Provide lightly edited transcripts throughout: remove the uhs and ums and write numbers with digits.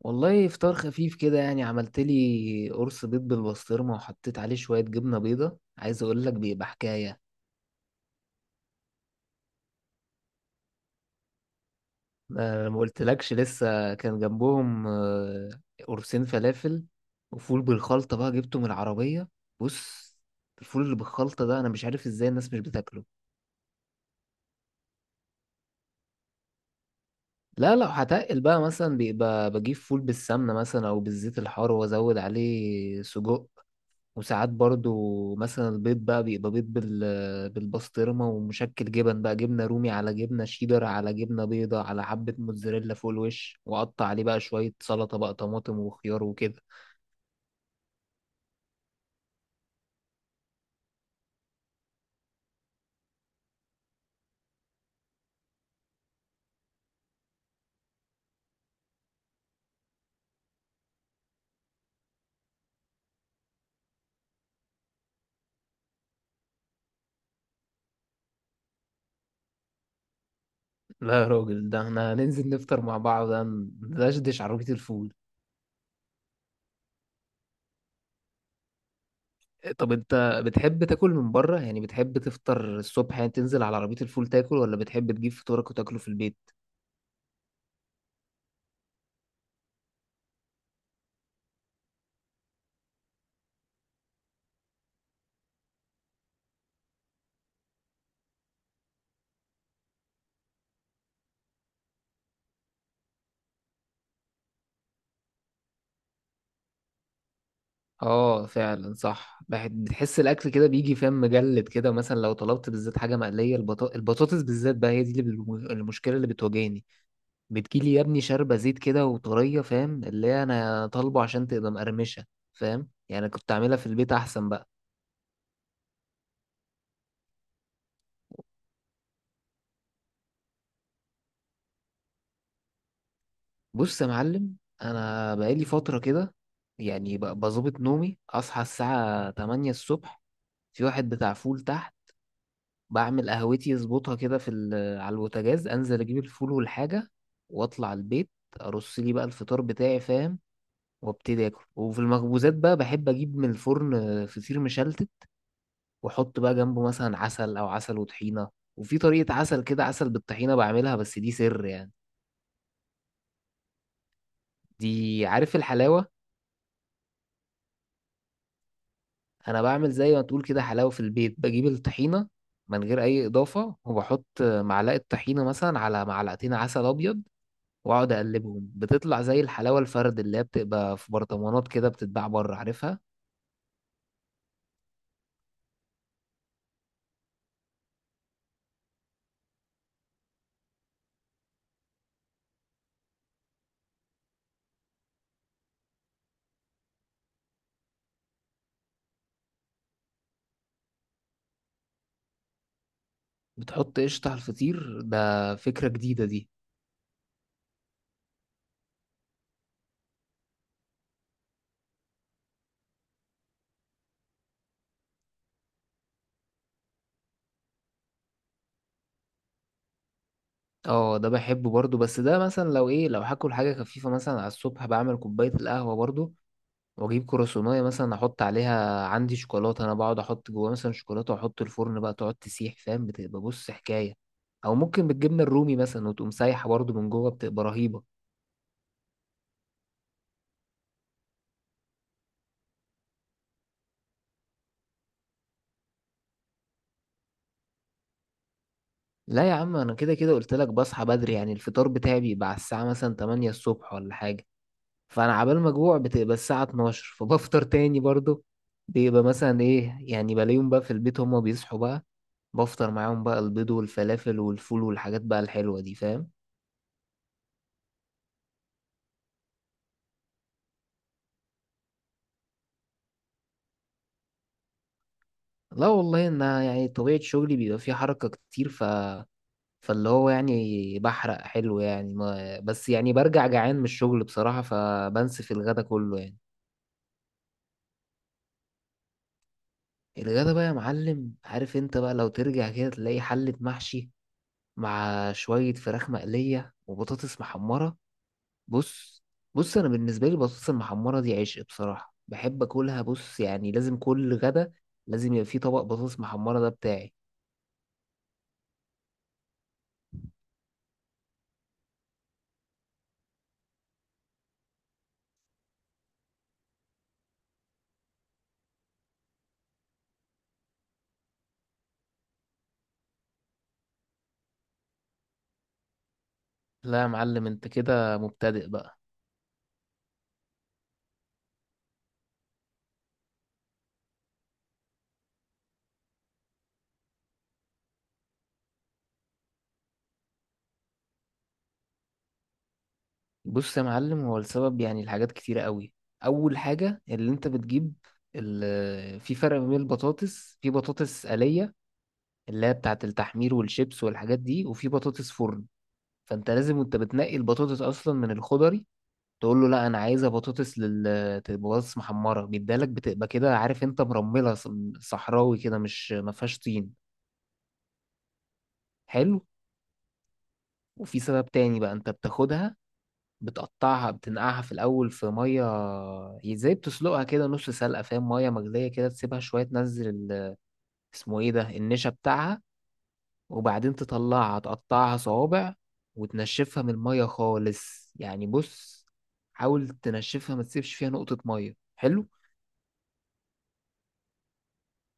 والله، فطار خفيف كده. يعني عملت لي قرص بيض بالبسطرمة وحطيت عليه شوية جبنة بيضة. عايز اقول لك بيبقى حكاية. ما قلتلكش لسه كان جنبهم، قرصين فلافل وفول بالخلطة بقى جبته من العربية. بص، الفول اللي بالخلطة ده انا مش عارف ازاي الناس مش بتاكله. لا، لو هتقل بقى مثلا بيبقى بجيب فول بالسمنة مثلا او بالزيت الحار وازود عليه سجق. وساعات برضو مثلا البيض بقى بيبقى بيض بالبسطرمة ومشكل جبن بقى: جبنة رومي على جبنة شيدر على جبنة بيضة على حبة موتزاريلا فوق الوش، وقطع عليه بقى شوية سلطة بقى طماطم وخيار وكده. لا يا راجل، ده احنا هننزل نفطر مع بعض ندشدش عربية الفول. طب انت بتحب تاكل من بره؟ يعني بتحب تفطر الصبح يعني تنزل على عربية الفول تاكل، ولا بتحب تجيب فطورك وتاكله في البيت؟ اه، فعلا صح، بتحس الاكل كده بيجي فاهم مجلد كده، مثلا لو طلبت بالذات حاجه مقليه، البطاطس بالذات بقى هي دي اللي المشكله اللي بتواجهني. بتجيلي يا ابني شاربه زيت كده وطريه، فاهم؟ اللي هي انا طالبه عشان تبقى مقرمشه. فاهم؟ يعني كنت اعملها في البيت احسن بقى. بص يا معلم، انا بقالي فتره كده، يعني بظبط نومي اصحى الساعه 8 الصبح. في واحد بتاع فول تحت، بعمل قهوتي اظبطها كده على البوتاجاز، انزل اجيب الفول والحاجه واطلع البيت. ارص لي بقى الفطار بتاعي، فاهم؟ وابتدي اكل. وفي المخبوزات بقى بحب اجيب من الفرن فطير مشلتت، واحط بقى جنبه مثلا عسل او عسل وطحينه. وفي طريقه عسل كده، عسل بالطحينه بعملها، بس دي سر يعني. دي عارف الحلاوه؟ انا بعمل زي ما تقول كده حلاوه في البيت، بجيب الطحينه من غير اي اضافه، وبحط معلقه طحينه مثلا على معلقتين عسل ابيض، واقعد اقلبهم، بتطلع زي الحلاوه الفرد اللي هي بتبقى في برطمانات كده بتتباع بره، عارفها؟ بتحط قشطه على الفطير؟ ده فكره جديده دي. اه، ده بحبه برضو، بس ده مثلا لو ايه، لو هاكل حاجه خفيفه مثلا على الصبح بعمل كوبايه القهوه برضو، واجيب كرواسونيه مثلا احط عليها عندي شوكولاته، انا بقعد احط جواها مثلا شوكولاته واحط الفرن بقى تقعد تسيح، فاهم؟ بتبقى بص حكايه. او ممكن بالجبنه الرومي مثلا وتقوم سايحه برضو من جوه، بتبقى رهيبه. لا يا عم، انا كده كده قلت لك بصحى بدري، يعني الفطار بتاعي بيبقى على الساعه مثلا 8 الصبح ولا حاجه. فانا عبال ما اجوع بتبقى الساعه 12، فبفطر تاني برضو. بيبقى مثلا ايه، يعني بلاقيهم بقى في البيت هما بيصحوا بقى، بفطر معاهم بقى البيض والفلافل والفول والحاجات بقى الحلوه دي، فاهم؟ لا والله، ان يعني طبيعه شغلي بيبقى فيه حركه كتير، فاللي هو يعني بحرق حلو يعني ما... بس يعني برجع جعان من الشغل بصراحه، فبنسف الغدا كله يعني. الغدا بقى يا معلم، عارف انت بقى لو ترجع كده تلاقي حلة محشي مع شوية فراخ مقلية وبطاطس محمرة. بص، بص، انا بالنسبة لي البطاطس المحمرة دي عشق بصراحة، بحب اكلها. بص يعني لازم كل غدا لازم يبقى فيه طبق بطاطس محمرة، ده بتاعي. لا يا معلم، انت كده مبتدئ بقى. بص يا معلم، هو السبب يعني الحاجات كتيرة قوي. اول حاجة اللي انت بتجيب، في فرق ما بين البطاطس، في بطاطس آلية اللي هي بتاعة التحمير والشيبس والحاجات دي، وفي بطاطس فرن. فانت لازم وانت بتنقي البطاطس اصلا من الخضري تقول له لا، انا عايزه بطاطس بطاطس محمره، بيدالك بتبقى كده، عارف، انت مرمله صحراوي كده مش ما فيهاش طين. حلو. وفي سبب تاني بقى، انت بتاخدها بتقطعها، بتنقعها في الاول في ميه. ازاي؟ بتسلقها كده نص سلقه، فاهم؟ ميه مغليه كده تسيبها شويه تنزل اسمه ايه ده، النشا بتاعها. وبعدين تطلعها تقطعها صوابع، وتنشفها من المية خالص، يعني بص، حاول تنشفها ما تسيبش فيها نقطة مية. حلو.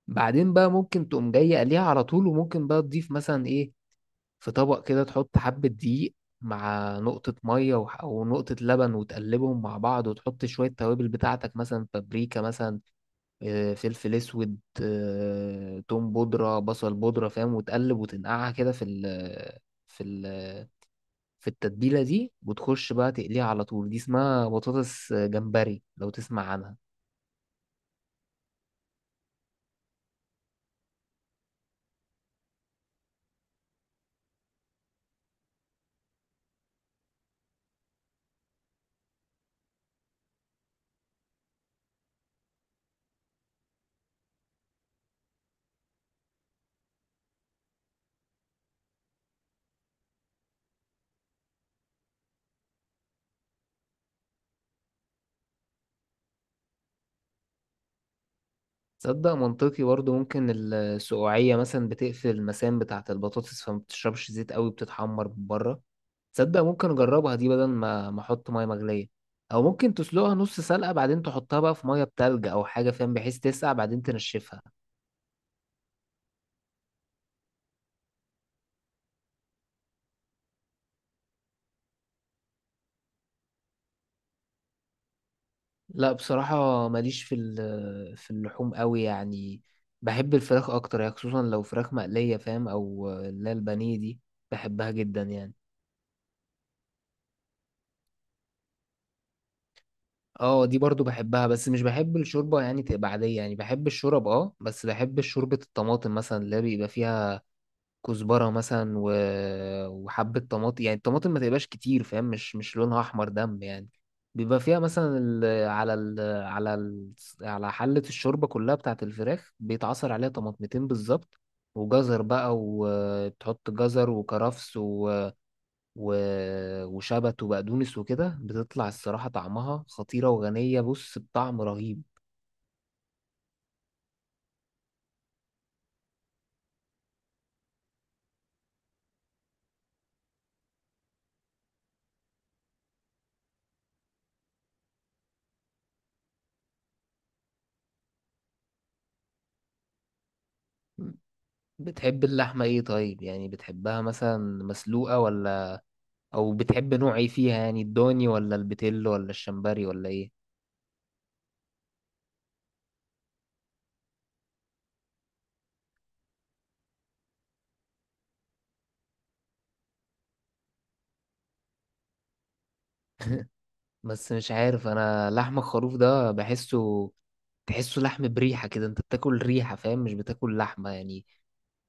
بعدين بقى ممكن تقوم جاي قليها على طول، وممكن بقى تضيف مثلا ايه، في طبق كده تحط حبة دقيق مع نقطة مية ونقطة لبن، وتقلبهم مع بعض، وتحط شوية توابل بتاعتك مثلا بابريكا مثلا، فلفل اسود، توم بودرة بصل بودرة، فاهم؟ وتقلب وتنقعها كده في ال في التتبيلة دي، وتخش بقى تقليها على طول. دي اسمها بطاطس جمبري لو تسمع عنها. تصدق منطقي برضو، ممكن السقوعية مثلا بتقفل المسام بتاعة البطاطس فما بتشربش زيت قوي، بتتحمر من بره. تصدق ممكن اجربها دي بدل ما احط مية مغلية. او ممكن تسلقها نص سلقة، بعدين تحطها بقى في مية بتلج او حاجة، فاهم؟ بحيث تسقع بعدين تنشفها. لا بصراحة، ماليش في اللحوم قوي يعني. بحب الفراخ أكتر يعني، خصوصا لو فراخ مقلية، فاهم؟ أو اللي هي البانيه دي، بحبها جدا يعني. اه، دي برضو بحبها، بس مش بحب الشوربة يعني تبقى عادية، يعني بحب الشورب اه، بس بحب شوربة الطماطم مثلا اللي بيبقى فيها كزبره مثلا وحبه طماطم. يعني الطماطم ما تبقاش كتير، فاهم؟ مش لونها احمر دم يعني. بيبقى فيها مثلا على حله الشوربه كلها بتاعه الفراخ بيتعصر عليها طماطمتين بالظبط، وجزر بقى، وبتحط جزر وكرفس و... وشبت وبقدونس وكده، بتطلع الصراحه طعمها خطيره وغنيه، بص بطعم رهيب. بتحب اللحمه ايه طيب؟ يعني بتحبها مثلا مسلوقه او بتحب نوع ايه فيها، يعني الضاني ولا البتيل ولا الشمبري ولا ايه؟ بس مش عارف، انا لحم الخروف ده تحسه لحم بريحة كده، انت بتاكل ريحة، فاهم؟ مش بتاكل لحمة يعني.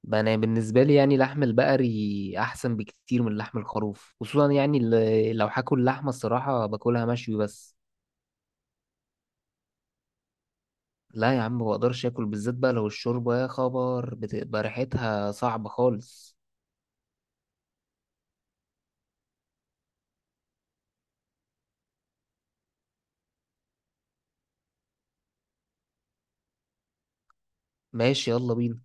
بقى انا بالنسبة لي، يعني لحم البقري احسن بكتير من لحم الخروف. خصوصا يعني لو هاكل لحمة الصراحة باكلها مشوي بس. لا يا عم، ما بقدرش اكل، بالذات بقى لو الشوربة، يا خبر بتبقى ريحتها صعبة خالص. ماشي، يلا بينا.